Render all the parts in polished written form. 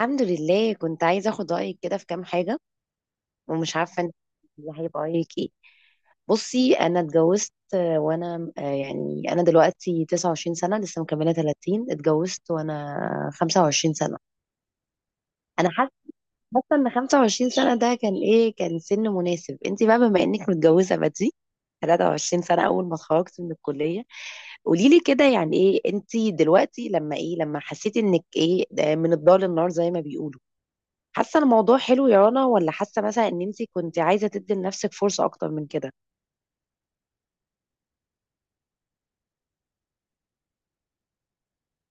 الحمد لله، كنت عايزة اخد رأيك كده في كام حاجة. ومش عارفة انت هيبقى رأيك ايه. بصي انا اتجوزت وانا يعني انا دلوقتي 29 سنة، لسه مكملة 30. اتجوزت وانا 25 سنة. انا حاسة بس ان 25 سنة ده كان ايه، كان سن مناسب. انت بقى بما انك متجوزة بدري 23 سنة اول ما اتخرجت من الكلية. قولي لي كده، يعني ايه انت دلوقتي لما ايه، لما حسيتي انك ايه، ده من الضال للنار زي ما بيقولوا. حاسه ان الموضوع حلو يا رنا، ولا حاسه مثلا ان انت كنت عايزه تدي لنفسك فرصه اكتر من كده؟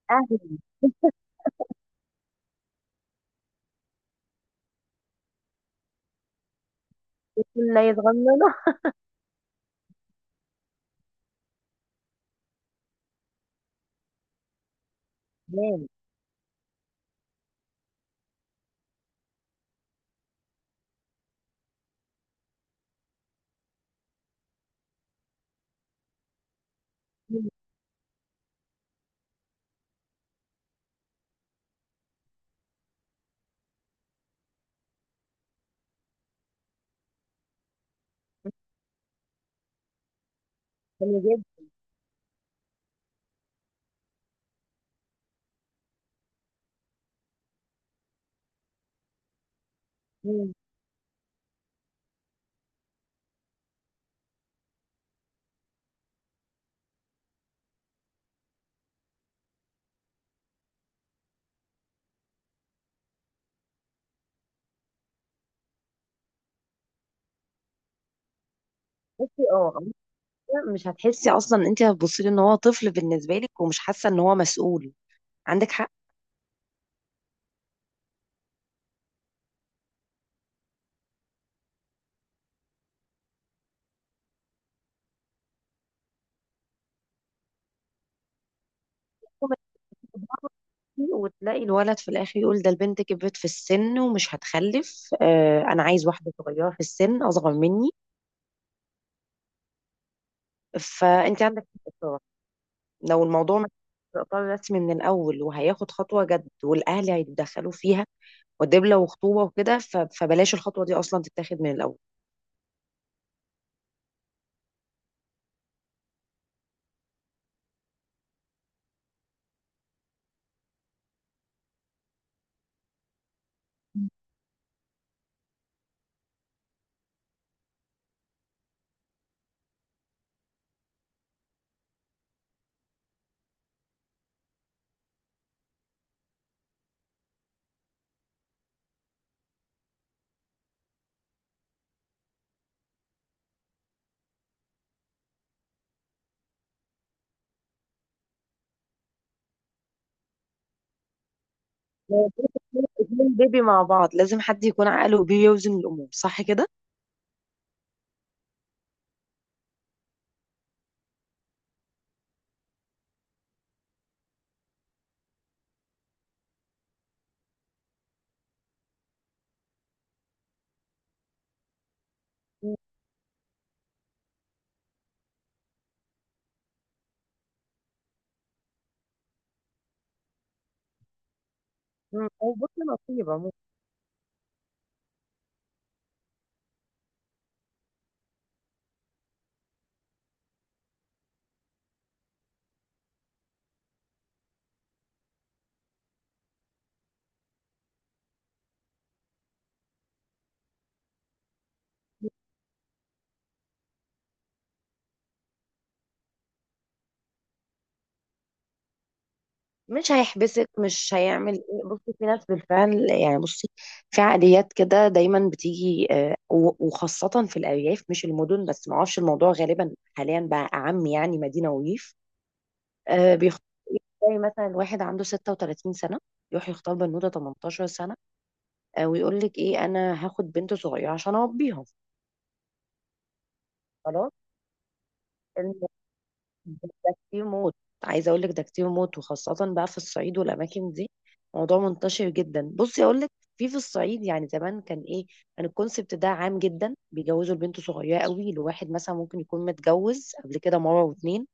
اه، بسم الله صغننه. تمام. مم. حلو جدا. مم. بصي اه. أنت مش هتحسي، اصلا انت هتبصي له ان هو طفل بالنسبه لك، ومش حاسه ان هو مسؤول. عندك حق. طبعاً، تضغطي وتلاقي الولد في الاخر يقول ده البنت كبرت في السن ومش هتخلف، آه انا عايز واحده صغيره في السن اصغر مني. فانت عندك حق. لو الموضوع مش في اطار رسمي من الاول وهياخد خطوه جد والاهل هيتدخلوا فيها ودبله وخطوبه وكده، فبلاش الخطوه دي اصلا تتاخد من الاول. لو بيبي اتنين بيبي مع بعض، لازم حد يكون عاقله وبيوزن الامور، صح كده. مم. أو بص، نصيبة ممكن. مش هيحبسك، مش هيعمل ايه. بصي، في ناس بالفعل يعني. بصي، في عقليات كده دايما بتيجي، وخاصة في الأرياف مش المدن بس، معرفش الموضوع غالبا حاليا بقى أعم يعني مدينة وريف. آه بيخ... زي مثلا واحد عنده 36 سنة يروح يختار بنوتة 18 سنة، آه، ويقول لك ايه، انا هاخد بنت صغيرة عشان اربيها. خلاص. الم- ده كتير موت. عايزة اقول لك، ده كتير موت، وخاصة بقى في الصعيد والاماكن دي. موضوع منتشر جدا. بصي اقول لك، في الصعيد يعني زمان كان ايه، كان الكونسبت ده عام جدا. بيجوزوا البنت صغيرة قوي لواحد، مثلا ممكن يكون متجوز قبل كده مرة واتنين.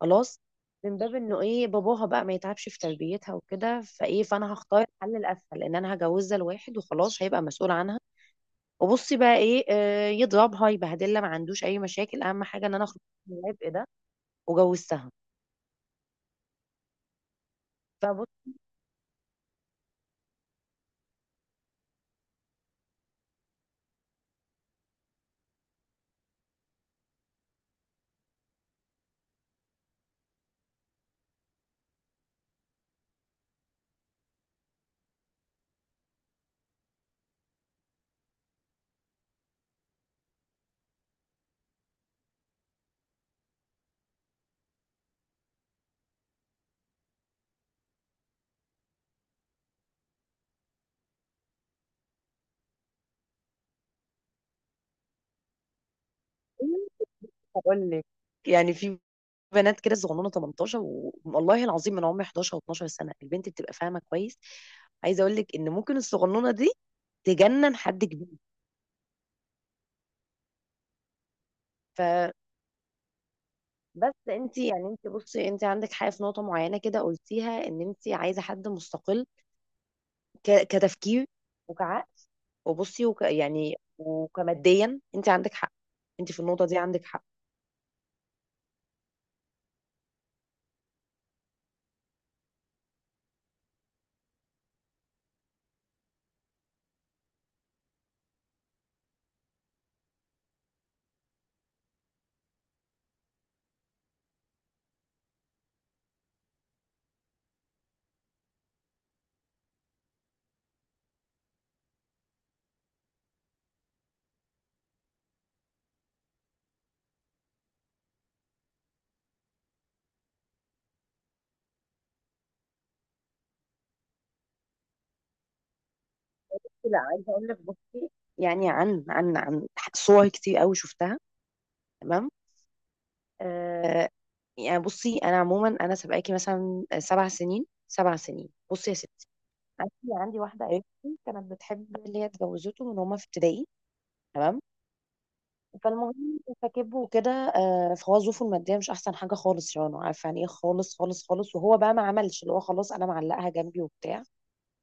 خلاص، من باب انه ايه، باباها بقى ما يتعبش في تربيتها وكده، فايه، فانا هختار الحل الاسهل ان انا هجوزها لواحد وخلاص، هيبقى مسؤول عنها. وبصي بقى ايه، آه، يضربها يبهدلها ما عندوش اي مشاكل، اهم حاجه ان انا اخرج من العبء ده وجوزتها. فبصي هقول لك، يعني في بنات كده صغنونه 18، والله العظيم، من عمر 11 و12 سنه البنت بتبقى فاهمه كويس. عايزه اقول لك ان ممكن الصغنونه دي تجنن حد كبير. ف بس انت يعني انت، بصي انت عندك حاجه في نقطه معينه كده قلتيها، ان انت عايزه حد مستقل، كتفكير وكعقل، وبصي وك يعني وكماديا. انت عندك حق. انت في النقطه دي عندك حق. لا، عايزه اقول لك بصي، يعني عن صور كتير قوي شفتها. تمام. آه، يعني بصي انا عموما انا سابقاكي مثلا 7 سنين 7 سنين. بصي يا ستي، عندي، عندي واحده قريبتي كانت بتحب اللي هي اتجوزته من هما في ابتدائي. تمام. فالمهم، فكبه وكده، آه، فهو ظروفه الماديه مش احسن حاجه خالص، يعني عارفه يعني ايه، خالص خالص خالص. وهو بقى ما عملش اللي هو خلاص انا معلقها جنبي وبتاع،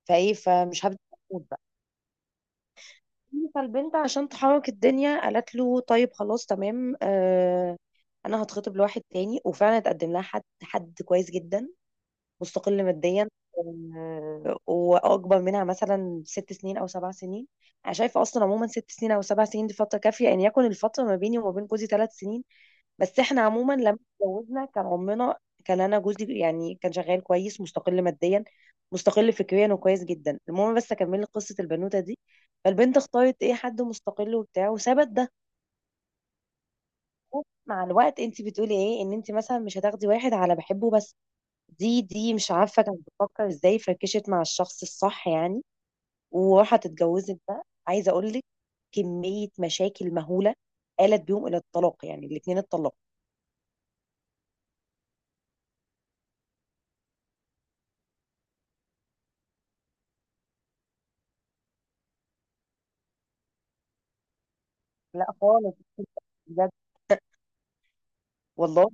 فايه، فمش هبدا اموت بقى. فالبنت عشان تحرك الدنيا قالت له، طيب خلاص تمام، آه، انا هتخطب لواحد تاني. وفعلا اتقدم لها حد، حد كويس جدا، مستقل ماديا، آه، واكبر منها مثلا 6 سنين او 7 سنين. انا شايفه اصلا عموما 6 سنين او سبع سنين دي فتره كافيه، ان يعني، يكون الفتره ما بيني وما بين جوزي 3 سنين. بس احنا عموما لما اتجوزنا كان عمنا، كان انا جوزي يعني كان شغال كويس، مستقل ماديا، مستقل فكريا وكويس جدا. المهم، بس اكمل لك قصه البنوته دي. فالبنت اختارت ايه حد مستقل وبتاع، وثبت ده مع الوقت انت بتقولي ايه، ان انت مثلا مش هتاخدي واحد على بحبه بس. دي مش عارفه كانت بتفكر ازاي، فركشت مع الشخص الصح يعني، وراحت اتجوزت ده. عايزه اقول لك، كميه مشاكل مهوله آلت بيهم الى الطلاق، يعني الاثنين اتطلقوا. لا خالص، بجد، والله.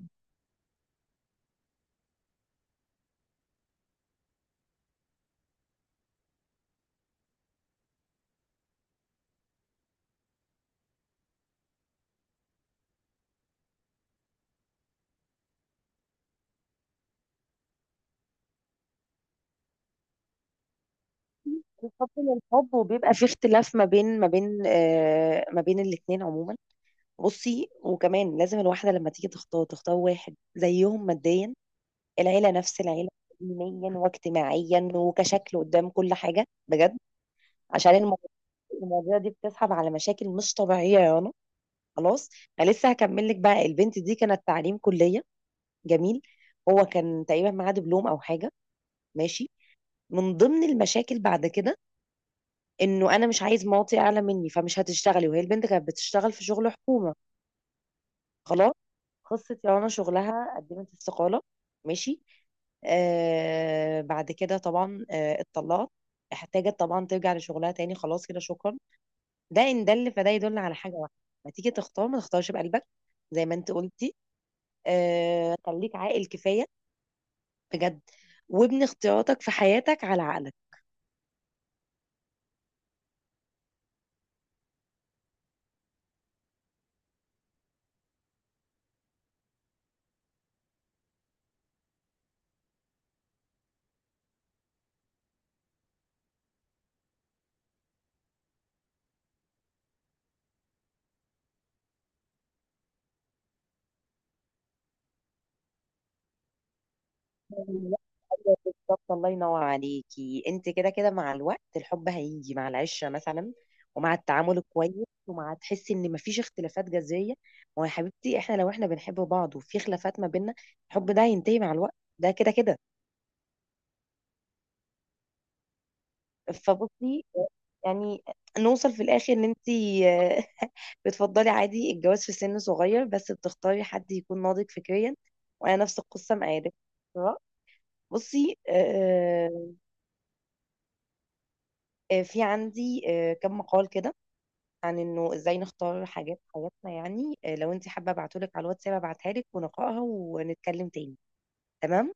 الحب من الحب وبيبقى في اختلاف ما بين الاتنين عموما. بصي، وكمان لازم الواحدة لما تيجي تختار، تختار واحد زيهم ماديا، العيلة نفس العيلة، دينيا واجتماعيا وكشكل قدام كل حاجة، بجد، عشان المواضيع دي بتسحب على مشاكل مش طبيعية يا رنا. خلاص. انا لسه هكمل لك بقى. البنت دي كانت تعليم كلية جميل، هو كان تقريبا معاه دبلوم او حاجة، ماشي. من ضمن المشاكل بعد كده، انه انا مش عايز مواطي اعلى مني، فمش هتشتغلي، وهي البنت كانت بتشتغل في شغل حكومه. خلاص، خلصت يا رنا شغلها، قدمت استقاله. ماشي. آه، بعد كده طبعا، آه، اتطلقت. احتاجت طبعا ترجع لشغلها تاني. خلاص كده شكرا. ده ان دل، فده يدل على حاجه واحده. ما تيجي تختار، ما تختارش بقلبك زي ما انت قلتي. آه، خليك عاقل كفايه، بجد، وابني اختياراتك في حياتك على عقلك. أيوة، بالظبط. الله ينور عليكي. انت كده كده مع الوقت الحب هيجي مع العشره مثلا، ومع التعامل الكويس، ومع تحسي ان مفيش اختلافات جذريه. ما هو يا حبيبتي، احنا لو احنا بنحب بعض وفي خلافات ما بيننا، الحب ده هينتهي مع الوقت، ده كده كده. فبصي، يعني نوصل في الاخر ان انت بتفضلي عادي الجواز في سن صغير، بس بتختاري حد يكون ناضج فكريا، وانا نفس القصه معاك. بصي في عندي، كم مقال كده عن انه ازاي نختار حاجات في حياتنا يعني. لو انت حابه، ابعتهولك على الواتساب، ابعتها لك ونقراها ونتكلم تاني، تمام.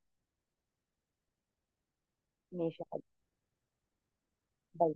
ماشي يا حبيبي. باي.